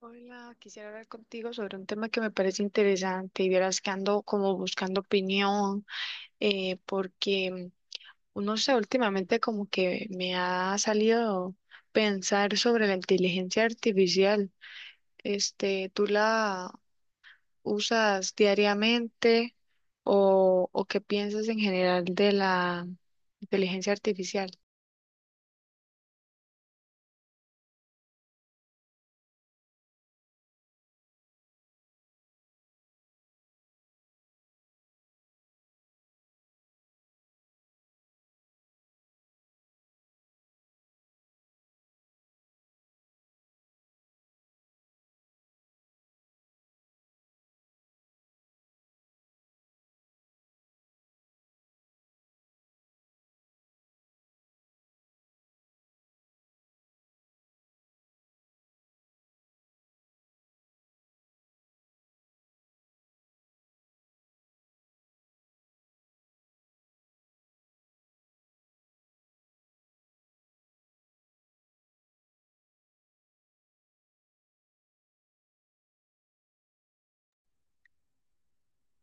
Hola, quisiera hablar contigo sobre un tema que me parece interesante y vieras que ando como buscando opinión, eh, porque mm, no sé, últimamente como que me ha salido pensar sobre la inteligencia artificial. Este, ¿tú la usas diariamente o qué piensas en general de la inteligencia artificial?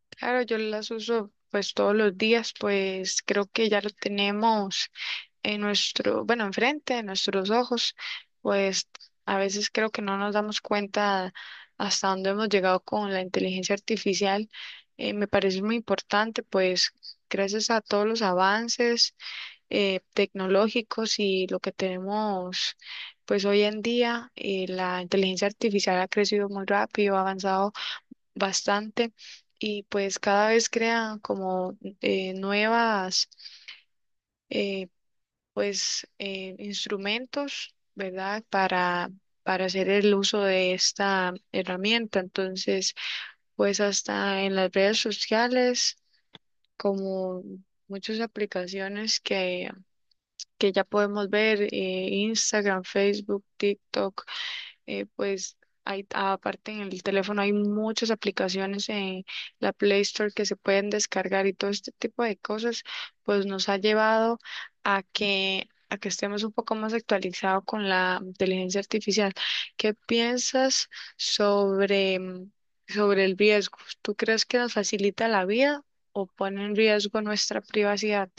Claro, yo las uso pues todos los días, pues creo que ya lo tenemos en nuestro, bueno, enfrente, en nuestros ojos, pues a veces creo que no nos damos cuenta hasta dónde hemos llegado con la inteligencia artificial. Me parece muy importante, pues gracias a todos los avances tecnológicos y lo que tenemos pues hoy en día, la inteligencia artificial ha crecido muy rápido, ha avanzado bastante y pues cada vez crean como nuevas eh, instrumentos, ¿verdad? Para hacer el uso de esta herramienta. Entonces, pues hasta en las redes sociales, como muchas aplicaciones que ya podemos ver, Instagram, Facebook, TikTok. Pues hay, aparte en el teléfono hay muchas aplicaciones en la Play Store que se pueden descargar y todo este tipo de cosas, pues nos ha llevado a a que estemos un poco más actualizados con la inteligencia artificial. ¿Qué piensas sobre, sobre el riesgo? ¿Tú crees que nos facilita la vida o pone en riesgo nuestra privacidad?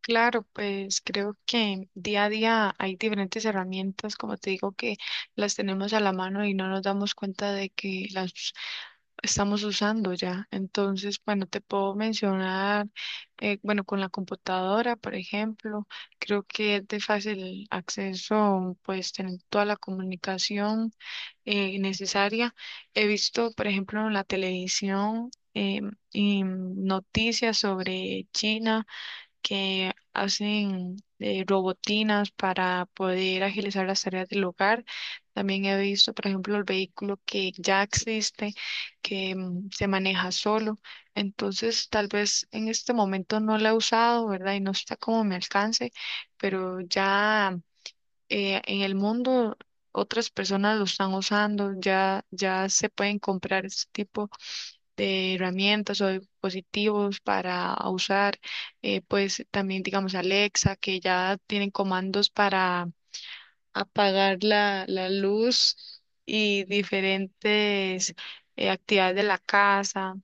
Claro, pues creo que día a día hay diferentes herramientas, como te digo, que las tenemos a la mano y no nos damos cuenta de que las estamos usando ya. Entonces, bueno, te puedo mencionar, bueno, con la computadora, por ejemplo, creo que es de fácil acceso, pues tener toda la comunicación necesaria. He visto, por ejemplo, en la televisión. Y noticias sobre China que hacen robotinas para poder agilizar las tareas del hogar. También he visto, por ejemplo, el vehículo que ya existe, que se maneja solo. Entonces, tal vez en este momento no lo he usado, ¿verdad? Y no está como a mi alcance, pero ya en el mundo otras personas lo están usando, ya, ya se pueden comprar este tipo de herramientas o de dispositivos para usar, pues también digamos Alexa, que ya tienen comandos para apagar la luz y diferentes actividades de la casa,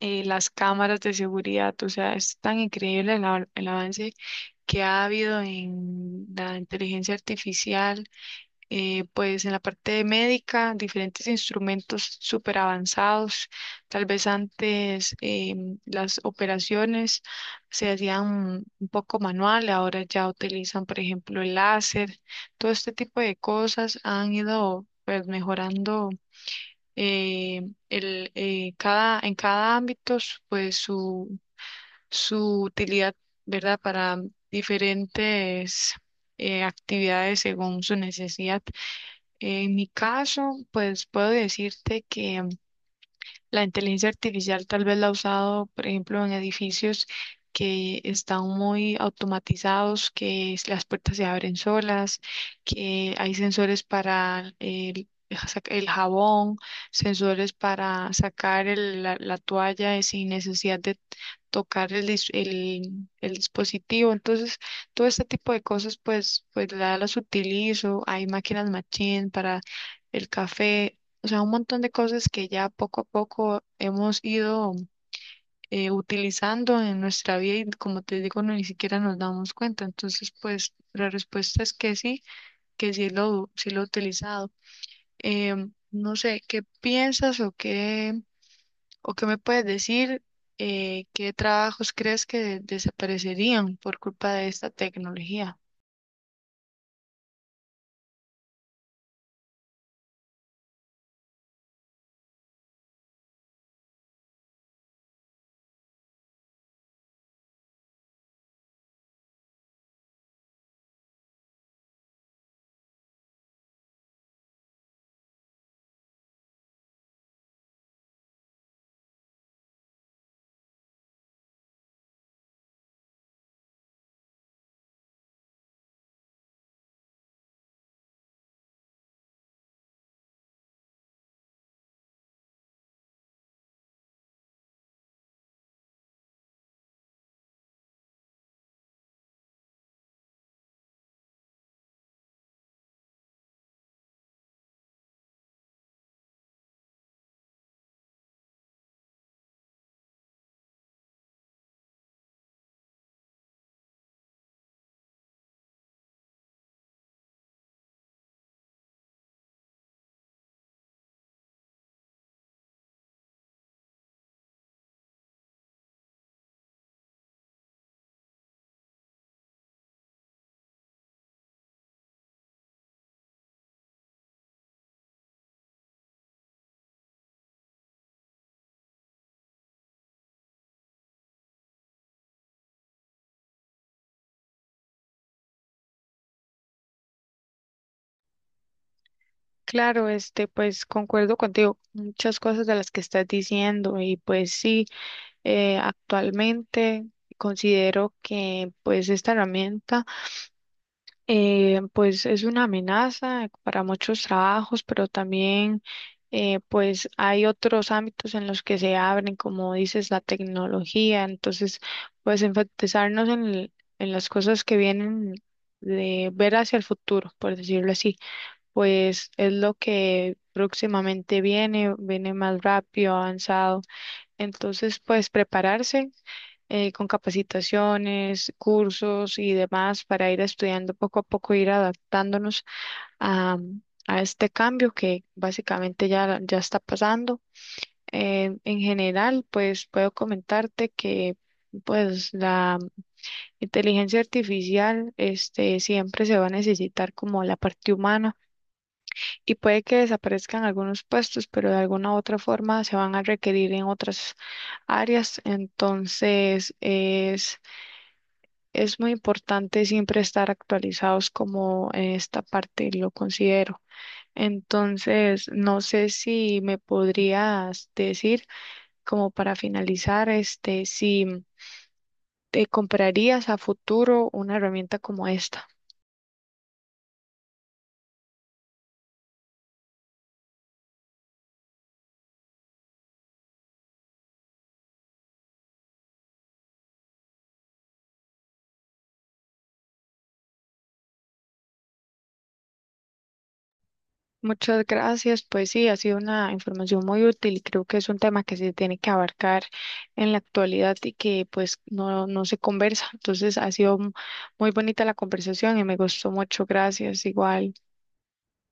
las cámaras de seguridad, o sea, es tan increíble el el avance que ha habido en la inteligencia artificial pues en la parte médica, diferentes instrumentos súper avanzados. Tal vez antes las operaciones se hacían un poco manual, ahora ya utilizan, por ejemplo, el láser. Todo este tipo de cosas han ido pues mejorando eh, cada, en cada ámbito pues su utilidad, ¿verdad? Para diferentes actividades según su necesidad. En mi caso, pues puedo decirte que la inteligencia artificial tal vez la ha usado, por ejemplo, en edificios que están muy automatizados, que las puertas se abren solas, que hay sensores para el, ja, el jabón, sensores para sacar la, la toalla sin necesidad de tocar el dispositivo. Entonces, todo este tipo de cosas, pues, pues las utilizo. Hay máquinas machine para el café. O sea, un montón de cosas que ya poco a poco hemos ido utilizando en nuestra vida y como te digo, no, ni siquiera nos damos cuenta. Entonces, pues la respuesta es que sí sí lo he utilizado. No sé, ¿qué piensas o qué me puedes decir? ¿Qué trabajos crees que desaparecerían por culpa de esta tecnología? Claro, este, pues concuerdo contigo, muchas cosas de las que estás diciendo y pues sí. Actualmente considero que pues esta herramienta pues es una amenaza para muchos trabajos, pero también pues hay otros ámbitos en los que se abren, como dices, la tecnología. Entonces, pues enfatizarnos en las cosas que vienen de ver hacia el futuro, por decirlo así, pues es lo que próximamente viene, viene más rápido, avanzado. Entonces, pues prepararse con capacitaciones, cursos y demás para ir estudiando poco a poco, ir adaptándonos a, a este cambio que básicamente ya, ya está pasando. En general, pues puedo comentarte que pues la inteligencia artificial este, siempre se va a necesitar como la parte humana y puede que desaparezcan algunos puestos, pero de alguna u otra forma se van a requerir en otras áreas. Entonces, es muy importante siempre estar actualizados como en esta parte lo considero. Entonces, no sé si me podrías decir, como para finalizar, este, si te comprarías a futuro una herramienta como esta. Muchas gracias. Pues sí, ha sido una información muy útil y creo que es un tema que se tiene que abarcar en la actualidad y que pues no, no se conversa. Entonces ha sido muy bonita la conversación y me gustó mucho. Gracias, igual.